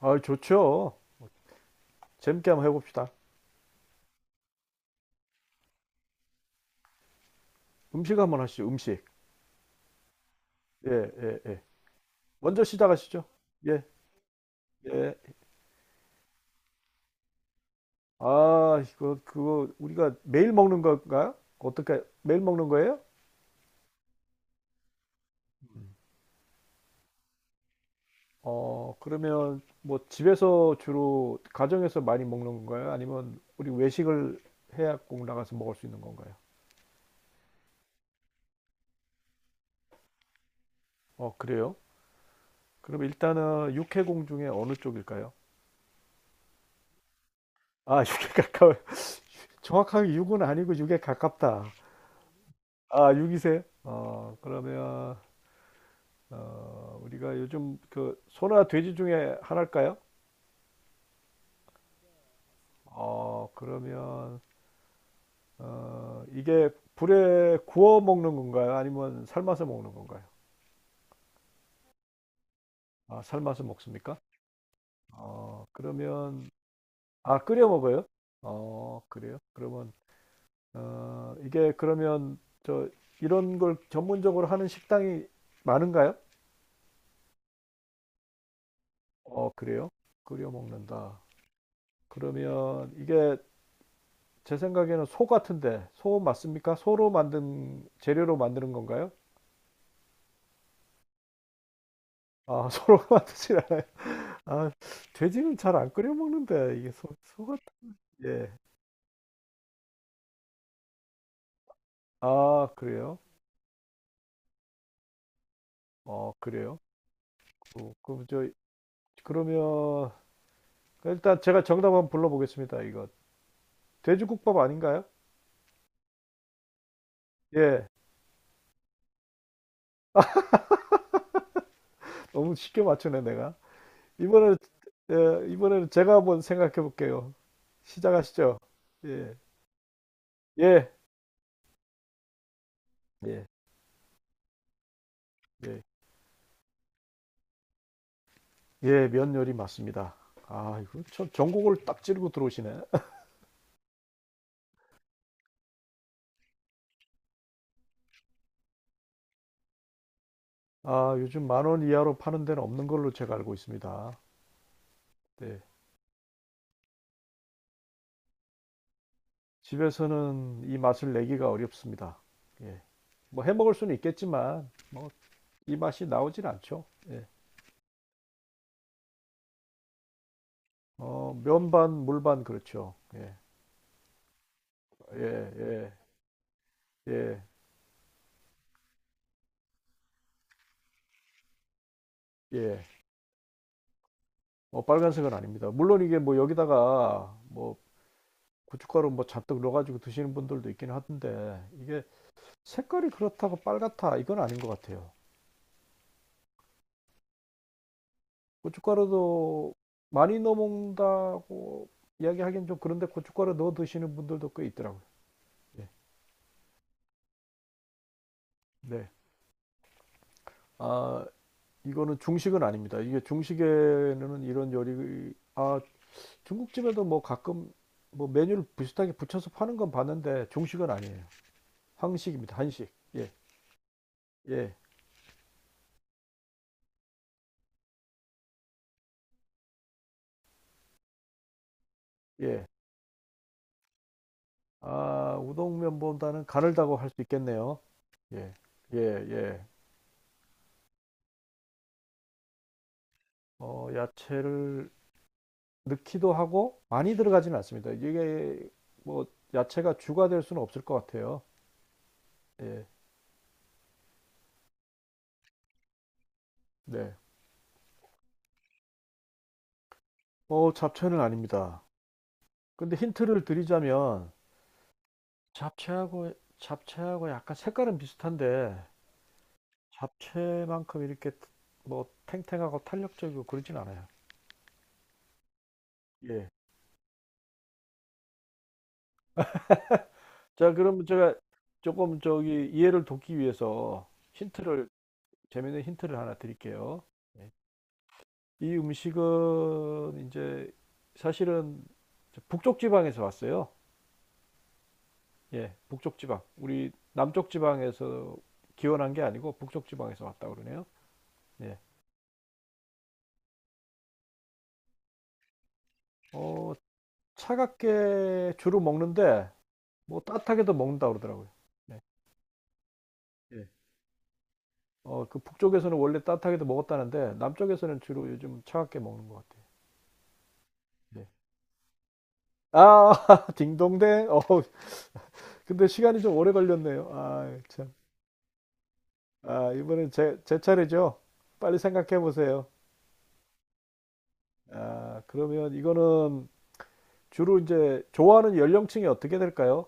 아, 좋죠. 재밌게 한번 해봅시다. 음식 한번 하시죠, 음식. 예, 예, 예. 먼저 시작하시죠. 예, 예. 아, 이거, 그거, 우리가 매일 먹는 건가요? 어떻게, 매일 먹는 거예요? 어, 그러면 뭐 집에서 주로, 가정에서 많이 먹는 건가요? 아니면 우리 외식을 해야 꼭 나가서 먹을 수 있는 건가요? 어, 그래요? 그럼 일단은 육해공 중에 어느 쪽일까요? 아, 육에 가까워요. 정확하게 육은 아니고 육에 가깝다. 아, 육이세요. 어, 그러면 어, 우리가 요즘 그 소나 돼지 중에 하나일까요? 어, 그러면 어, 이게 불에 구워 먹는 건가요? 아니면 삶아서 먹는 건가요? 아, 삶아서 먹습니까? 어, 그러면 아, 끓여 먹어요? 어, 그래요? 그러면 어, 이게 그러면 저 이런 걸 전문적으로 하는 식당이 많은가요? 어, 그래요? 끓여 먹는다. 그러면 이게 제 생각에는 소 같은데 소 맞습니까? 소로 만든 재료로 만드는 건가요? 아, 소로 만드진 않아요. 아, 돼지는 잘 안 끓여 먹는데 이게 소, 소 같은. 예. 아, 그래요? 어, 그래요? 그럼 저 그러면 일단 제가 정답 한번 불러보겠습니다. 이거 돼지국밥 아닌가요? 예. 너무 쉽게 맞추네 내가. 이번에는 예, 이번에는 제가 한번 생각해 볼게요. 시작하시죠. 예. 예. 예. 예. 예, 면열이 맞습니다. 아, 이거 참 전국을 딱 찌르고 들어오시네. 아, 요즘 만원 이하로 파는 데는 없는 걸로 제가 알고 있습니다. 네. 집에서는 이 맛을 내기가 어렵습니다. 예. 뭐 해 먹을 수는 있겠지만 뭐 이 맛이 나오질 않죠. 예. 어, 면반, 물반 그렇죠. 예. 예, 예. 예. 예. 뭐 빨간색은 아닙니다. 물론 이게 뭐 여기다가 뭐 고춧가루 뭐 잔뜩 넣어가지고 드시는 분들도 있긴 하던데 이게 색깔이 그렇다고 빨갛다 이건 아닌 것 같아요. 고춧가루도 많이 넣어 먹는다고 이야기하기엔 좀 그런데 고춧가루 넣어 드시는 분들도 꽤 있더라고요. 예. 네. 아, 이거는 중식은 아닙니다. 이게 중식에는 이런 요리, 아, 중국집에도 뭐 가끔 뭐 메뉴를 비슷하게 붙여서 파는 건 봤는데 중식은 아니에요. 한식입니다. 한식. 예, 예, 예. 아, 우동면보다는 가늘다고 할 수 있겠네요. 예, 예, 예. 어, 야채를 넣기도 하고 많이 들어가지는 않습니다. 이게 뭐 야채가 주가 될 수는 없을 것 같아요. 예, 네. 어, 잡채는 아닙니다. 근데 힌트를 드리자면 잡채하고 잡채하고 약간 색깔은 비슷한데 잡채만큼 이렇게 뭐 탱탱하고 탄력적이고 그러진 않아요. 예. 자, 그럼 제가 조금 저기 이해를 돕기 위해서 힌트를 재있는 힌트를 하나 드릴게요. 예. 이 음식은 이제 사실은 북쪽 지방에서 왔어요. 예, 북쪽 지방. 우리 남쪽 지방에서 기원한 게 아니고 북쪽 지방에서 왔다 그러네요. 예. 어, 차갑게 주로 먹는데 뭐 따뜻하게도 먹는다 그러더라고요. 네. 예. 어, 그 북쪽에서는 원래 따뜻하게도 먹었다는데 남쪽에서는 주로 요즘 차갑게 먹는 것 같아요. 예. 아, 딩동댕. 어, 근데 시간이 좀 오래 걸렸네요. 아, 참. 아, 이번엔 제 차례죠. 빨리 생각해 보세요. 아, 그러면 이거는 주로 이제 좋아하는 연령층이 어떻게 될까요?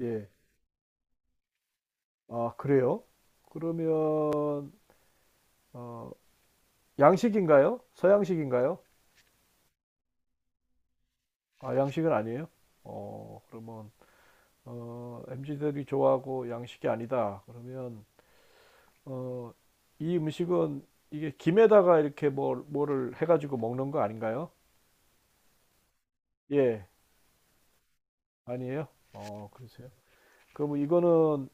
예. 아, 그래요? 그러면 어, 양식인가요? 서양식인가요? 아, 양식은 아니에요? 어, 그러면 어, 엠지들이 좋아하고 양식이 아니다. 그러면 어, 이 음식은 이게 김에다가 이렇게 뭐를 해가지고 먹는 거 아닌가요? 예, 아니에요? 어, 그러세요? 그러면 이거는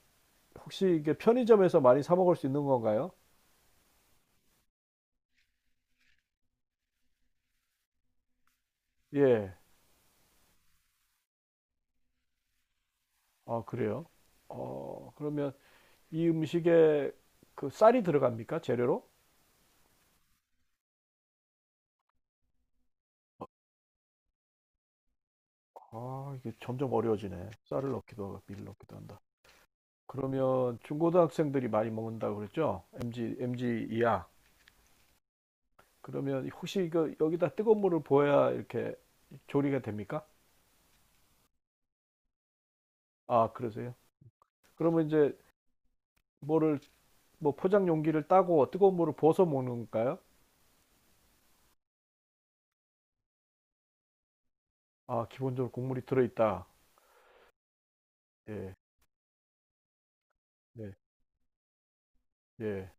혹시 이게 편의점에서 많이 사 먹을 수 있는 건가요? 예. 아, 그래요? 어, 그러면 이 음식에 그 쌀이 들어갑니까? 재료로? 아, 이게 점점 어려워지네. 쌀을 넣기도 하고 밀 넣기도 한다. 그러면 중고등학생들이 많이 먹는다고 그랬죠? MG 이하. 그러면 혹시 이거 여기다 뜨거운 물을 부어야 이렇게 조리가 됩니까? 아, 그러세요? 그러면 이제 뭐를 뭐 포장 용기를 따고 뜨거운 물을 부어서 먹는 건가요? 아, 기본적으로 국물이 들어있다. 예, 네. 예.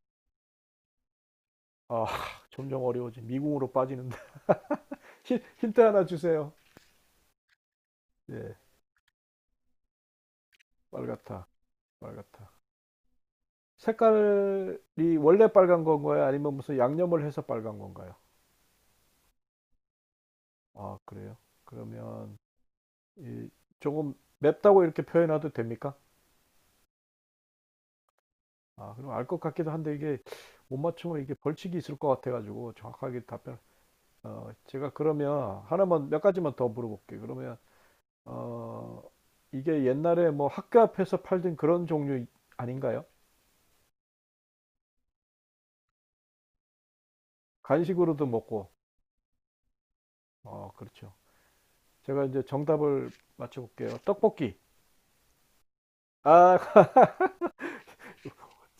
아, 점점 어려워지. 미궁으로 빠지는데. 힌- 트 하나 주세요. 예. 빨갛다. 빨갛다. 색깔이 원래 빨간 건가요? 아니면 무슨 양념을 해서 빨간 건가요? 아, 그래요? 그러면 이 조금 맵다고 이렇게 표현해도 됩니까? 아, 그럼 알 것 같기도 한데 이게 못 맞추면 이게 벌칙이 있을 것 같아가지고 정확하게 답변. 어, 제가 그러면 하나만 몇 가지만 더 물어볼게요. 그러면 어, 이게 옛날에 뭐 학교 앞에서 팔던 그런 종류 아닌가요? 간식으로도 먹고. 어, 그렇죠. 제가 이제 정답을 맞춰볼게요. 떡볶이. 아,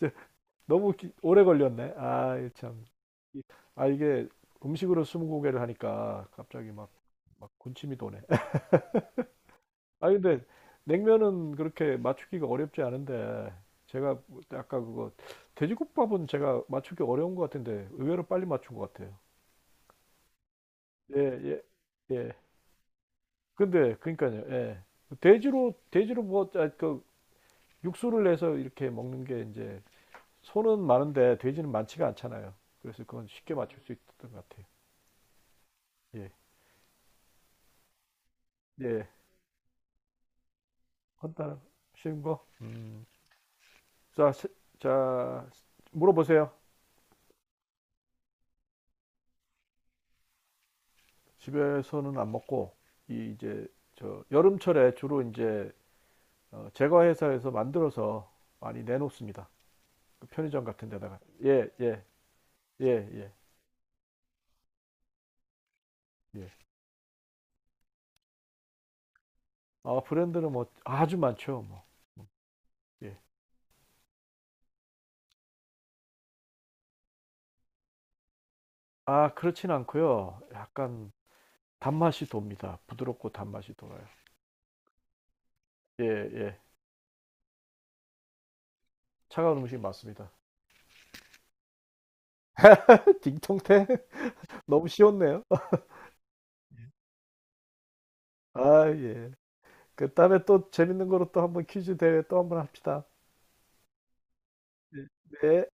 너무 기- 오래 걸렸네. 아, 이거 참. 이- 아, 이게 음식으로 스무고개를 하니까 갑자기 막, 막 군침이 도네. 아, 근데 냉면은 그렇게 맞추기가 어렵지 않은데 제가 아까 그거 돼지국밥은 제가 맞추기 어려운 것 같은데 의외로 빨리 맞춘 것 같아요. 예, 예, 예. 근데 그러니까요. 예. 돼지로 뭐그 육수를 내서 이렇게 먹는 게 이제 소는 많은데 돼지는 많지가 않잖아요. 그래서 그건 쉽게 맞출 수 있었던 것 같아요. 예. 예. 간단한 쉬운 거. 음. 자, 세- 자 물어보세요. 집에서는 안 먹고 이 이제 저 여름철에 주로 이제 어, 제과 회사에서 만들어서 많이 내놓습니다. 그 편의점 같은 데다가. 예, 예. 예, 예. 예. 아, 브랜드는 뭐 아주 많죠. 뭐. 예. 아, 그렇진 않고요. 약간 단맛이 돕니다. 부드럽고 단맛이 돌아요. 예, 예. 차가운 음식 맞습니다. 딩통태 너무 쉬웠네요. 아, 예. 그 다음에 또 재밌는 거로 또 한번 퀴즈 대회 또 한번 합시다. 네. 네.